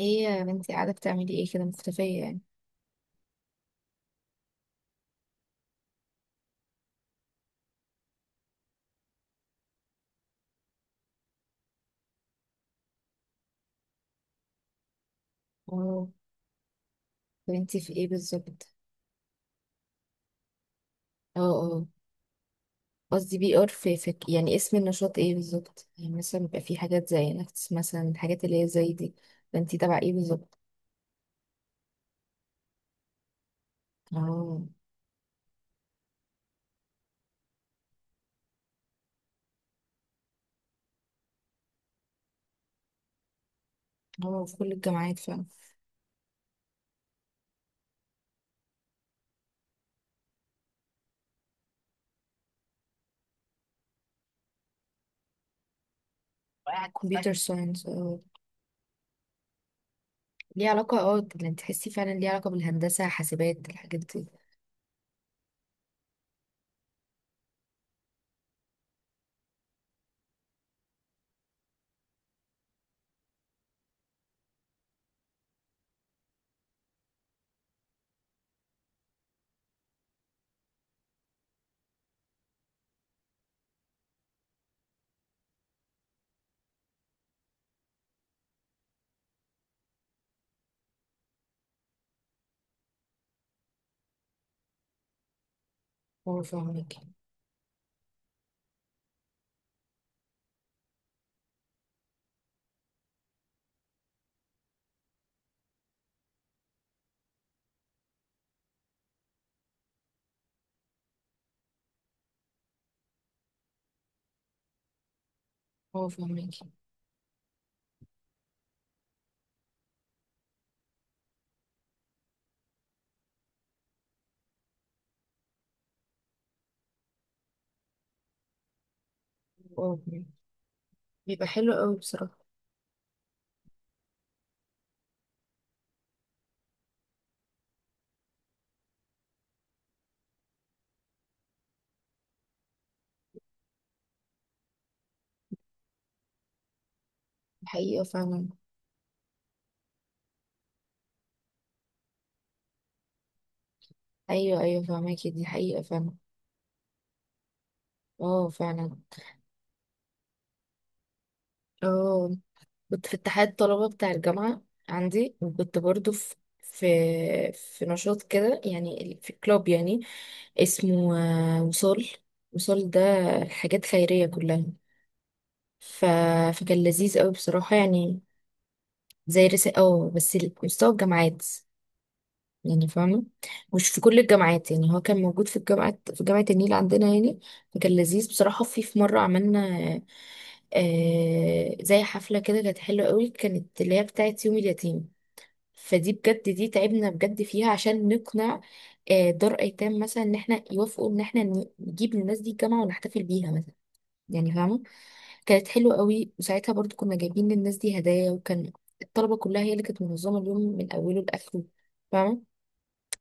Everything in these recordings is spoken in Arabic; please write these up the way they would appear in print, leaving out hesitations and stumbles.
ايه يا بنتي، قاعدة بتعملي ايه كده مختفية يعني؟ اه. طب انتي في ايه بالظبط؟ اه اه. قصدي بي ار، في يعني اسم النشاط ايه بالظبط يعني؟ مثلا بيبقى في حاجات زي نكتس مثلا، الحاجات اللي هي زي دي. فانتي تبع ايه بالظبط؟ اه. اه، في كل الجامعات فعلا. كمبيوتر ساينس اه. ليه علاقة اه، يعني تحسي فعلا ليه علاقة بالهندسة حاسبات الحاجات دي. اه فاهمك. اه فاهمك. اه فاهمك. بيبقى حلو قوي بصراحة. حقيقة فعلا. ايوه ايوه فاهمك، دي حقيقة فعلا. اه فعلا. اه، كنت في اتحاد طلبة بتاع الجامعة عندي، وكنت برضو في في نشاط كده يعني، في كلوب يعني، اسمه وصال. وصال ده حاجات خيرية كلها. ف... فكان لذيذ قوي بصراحة يعني. زي رسالة اه، بس مستوى الجامعات، يعني فاهمة. مش في كل الجامعات يعني، هو كان موجود في الجامعات، في جامعة النيل عندنا يعني. فكان لذيذ بصراحة، في مرة عملنا زي حفلة كده، كانت حلوة قوي، كانت اللي هي بتاعت يوم اليتيم. فدي بجد دي تعبنا بجد فيها عشان نقنع دار ايتام مثلا ان احنا يوافقوا ان احنا نجيب للناس دي الجامعه ونحتفل بيها مثلا، يعني فاهمه. كانت حلوه قوي، وساعتها برضو كنا جايبين للناس دي هدايا، وكان الطلبه كلها هي اللي كانت منظمه اليوم من اوله لاخره، فاهمه.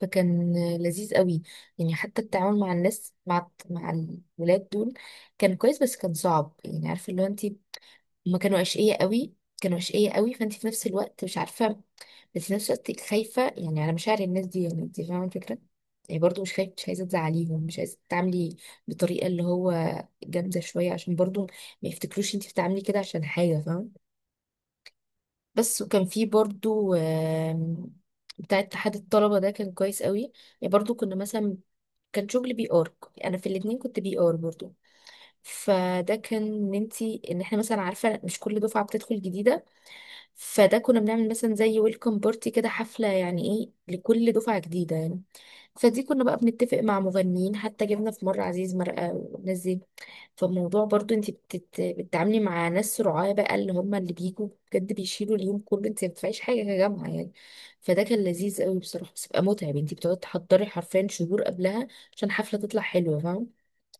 فكان لذيذ قوي يعني. حتى التعامل مع الناس مع الولاد دول كان كويس، بس كان صعب يعني، عارفه اللي هو انت. هما كانوا اشقياء قوي، كانوا اشقياء قوي. فانت في نفس الوقت مش عارفه، بس في نفس الوقت خايفه يعني على مشاعر الناس دي، يعني انت فاهمه الفكره. يعني برضو مش خايفه، مش عايزه تزعليهم، مش عايزه تتعاملي بطريقه اللي هو جامده شويه، عشان برضو ما يفتكروش انت بتعملي كده عشان حاجه، فاهمه. بس، وكان في برضو، بتاع اتحاد الطلبه ده كان كويس قوي. يعني برضو كنا مثلا كان شغل بي ار، انا في الاتنين كنت بي ار برضو. فده كان ان انت، ان احنا مثلا، عارفه مش كل دفعه بتدخل جديده. فده كنا بنعمل مثلا زي ويلكم بارتي كده، حفلة يعني ايه، لكل دفعة جديدة يعني. فدي كنا بقى بنتفق مع مغنيين، حتى جبنا في مرة عزيز مرقة والناس دي. فالموضوع برضو انت بتتعاملي مع ناس رعاة بقى، اللي هم اللي بيجوا بجد بيشيلوا اليوم كله، انت ما بتدفعيش حاجة كجامعة يعني. فده كان لذيذ قوي بصراحة، بس بقى متعب، انت بتقعدي تحضري حرفيا شهور قبلها عشان حفلة تطلع حلوة، فاهم.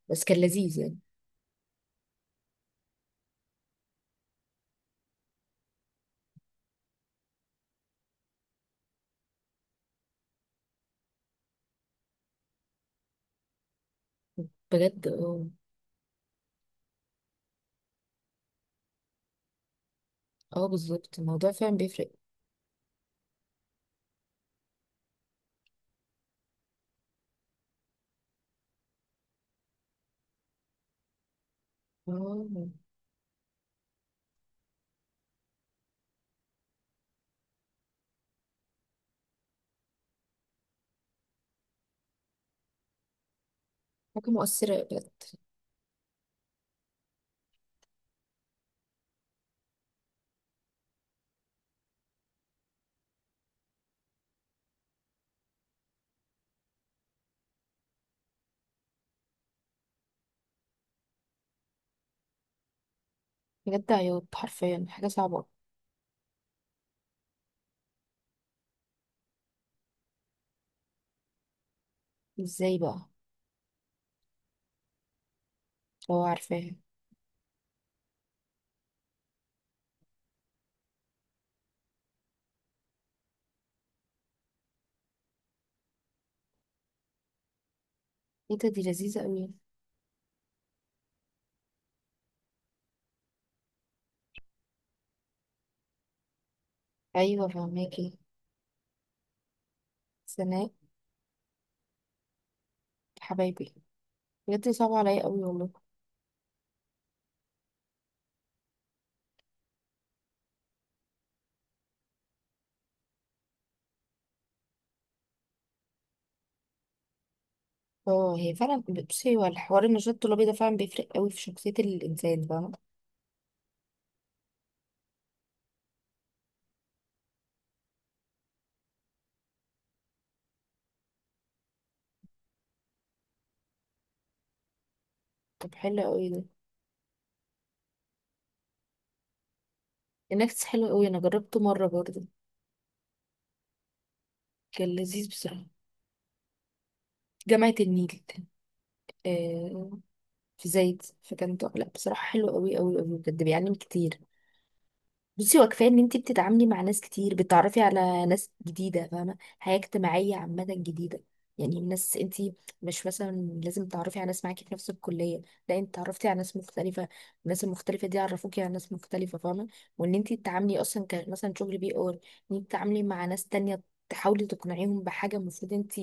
بس كان لذيذ يعني. بجد اه. اه بالظبط، الموضوع فعلا بيفرق. اه، حاجة مؤثرة بجد. بجد عياط حرفيا، حاجة صعبة. ازاي بقى؟ هو عارفاها. ايه ده، دي لذيذة قوي. ايوه فهماكي. سناء. حبايبي. بجد دي صعبة عليا قوي والله. اه هي فعلا. بصي، هو الحوار النشاط الطلابي ده فعلا بيفرق قوي في شخصية الإنسان، فاهمة. طب حلو قوي ده. النكس حلو قوي، أنا جربته مرة برضه. كان لذيذ بصراحة. جامعة النيل. آه. في زايد، فكان لا بصراحة حلو قوي قوي قوي، بجد بيعلم كتير. بصي، هو كفايه ان انت بتتعاملي مع ناس كتير، بتتعرفي على ناس جديده، فاهمه، حياه اجتماعيه عامه جديده. يعني ناس انت مش مثلا لازم تتعرفي على ناس معاكي في نفس الكليه. لا، انت اتعرفتي على ناس مختلفه. الناس المختلفه دي عرفوكي على ناس مختلفه، فاهمه. وان انت تتعاملي اصلا ك مثلا شغل بي اور، ان انت تتعاملي مع ناس تانية، تحاولي تقنعيهم بحاجه، المفروض انت،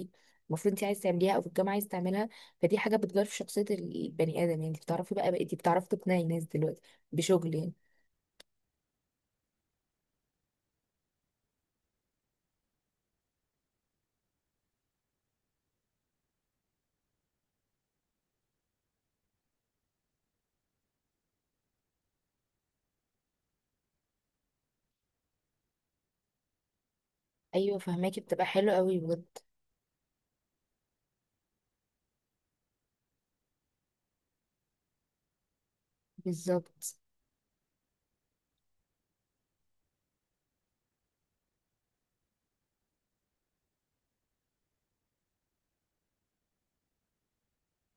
المفروض انت عايزه تعمليها او في الجامعه عايزه تعملها. فدي حاجه بتغير في شخصيه البني ادم يعني. انت بتعرفي بقى، بقيتي بتعرفي تقنعي ناس دلوقتي بشغل يعني. ايوه فهماكي، بتبقى حلوه قوي بجد. بالظبط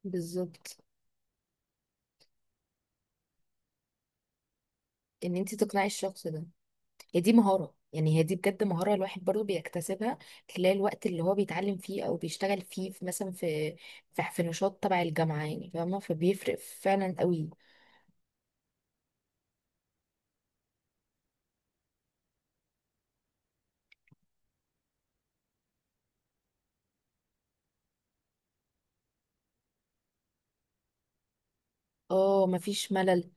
بالظبط، ان انت تقنعي الشخص ده، هي دي مهاره يعني، هي دي بجد مهاره. الواحد برضو بيكتسبها خلال الوقت اللي هو بيتعلم فيه او بيشتغل فيه في مثلا في نشاط تبع الجامعه يعني، فاهمه، فبيفرق فعلا قوي. اه مفيش ملل.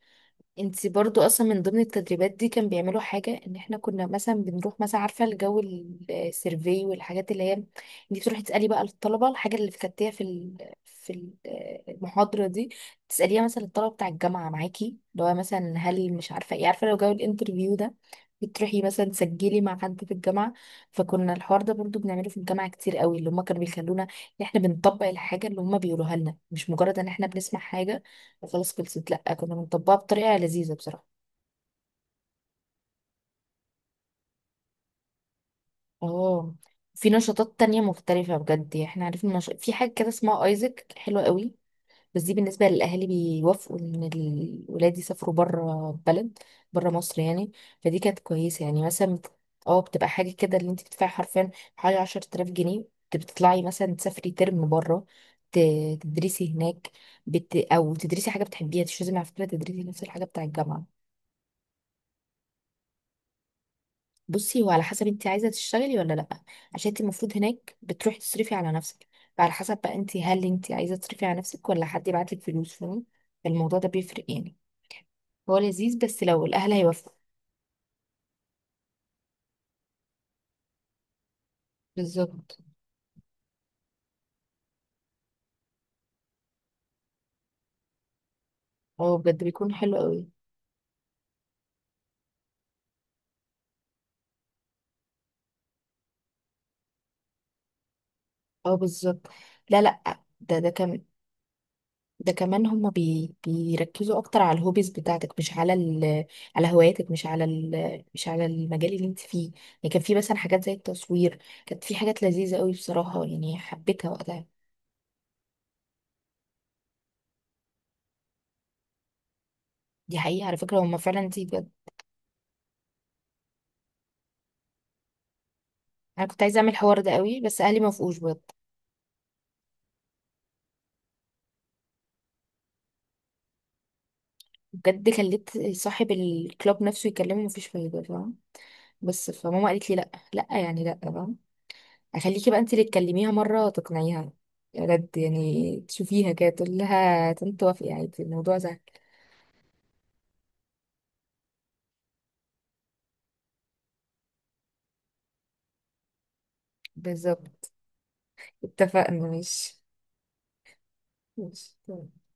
انتي برضو اصلا من ضمن التدريبات دي كان بيعملوا حاجة، ان احنا كنا مثلا بنروح مثلا، عارفة الجو السيرفي، والحاجات اللي هي انتي بتروحي تسألي بقى الطلبة الحاجة اللي فكرتيها في المحاضرة دي، تسأليها مثلا الطلبة بتاع الجامعة معاكي، اللي هو مثلا هل مش عارفة ايه، عارفة لو جو الانترفيو ده بتروحي مثلا تسجلي مع حد في الجامعة. فكنا الحوار ده برضو بنعمله في الجامعة كتير قوي، اللي هما كانوا بيخلونا ان احنا بنطبق الحاجة اللي هما بيقولوها لنا، مش مجرد ان احنا بنسمع حاجة وخلاص خلصت، لأ، كنا بنطبقها بطريقة لذيذة بصراحة. اه، في نشاطات تانية مختلفة بجد يعني. احنا عرفنا في حاجة كده اسمها ايزك، حلوة قوي. بس دي بالنسبة للأهالي بيوافقوا إن الولاد يسافروا بره البلد، بره مصر يعني. فدي كانت كويسة يعني، مثلا اه، بتبقى حاجة كده اللي انت بتدفعي حرفيا حوالي 10,000 جنيه، بتطلعي مثلا تسافري ترم بره، ت- تدرسي هناك، أو تدرسي حاجة بتحبيها. مش لازم على فكرة تدرسي نفس الحاجة بتاع الجامعة. بصي، هو على حسب انت عايزه تشتغلي ولا لا، عشان انت المفروض هناك بتروحي تصرفي على نفسك. فعلى حسب بقى انت، هل انت عايزه تصرفي على نفسك ولا حد يبعتلك فلوس، فاهمة؟ فالموضوع ده بيفرق يعني. هو لذيذ بس لو الاهل هيوافقوا. بالظبط. هو بجد بيكون حلو قوي. اه بالظبط. لا لا، ده كمان، ده كمان هما بيركزوا اكتر على الهوبيز بتاعتك، مش على ال، على هواياتك، مش على ال، مش على المجال اللي انت فيه يعني. كان في مثلا حاجات زي التصوير، كانت في حاجات لذيذة قوي بصراحة يعني، حبيتها وقتها. دي حقيقة على فكرة، هما فعلا دي بجد. أنا كنت عايزة أعمل الحوار ده قوي بس أهلي ما وافقوش بجد. بجد خليت صاحب الكلاب نفسه يكلمه مفيش فايدة، فاهم. بس، فماما قالت لي لأ لأ يعني، لأ، فاهم. أخليكي بقى أنت اللي تكلميها مرة، تقنعيها بجد يعني. تشوفيها كده تقول لها تنت وافقي عادي الموضوع سهل. بالظبط، اتفقنا، ماشي. ماشي.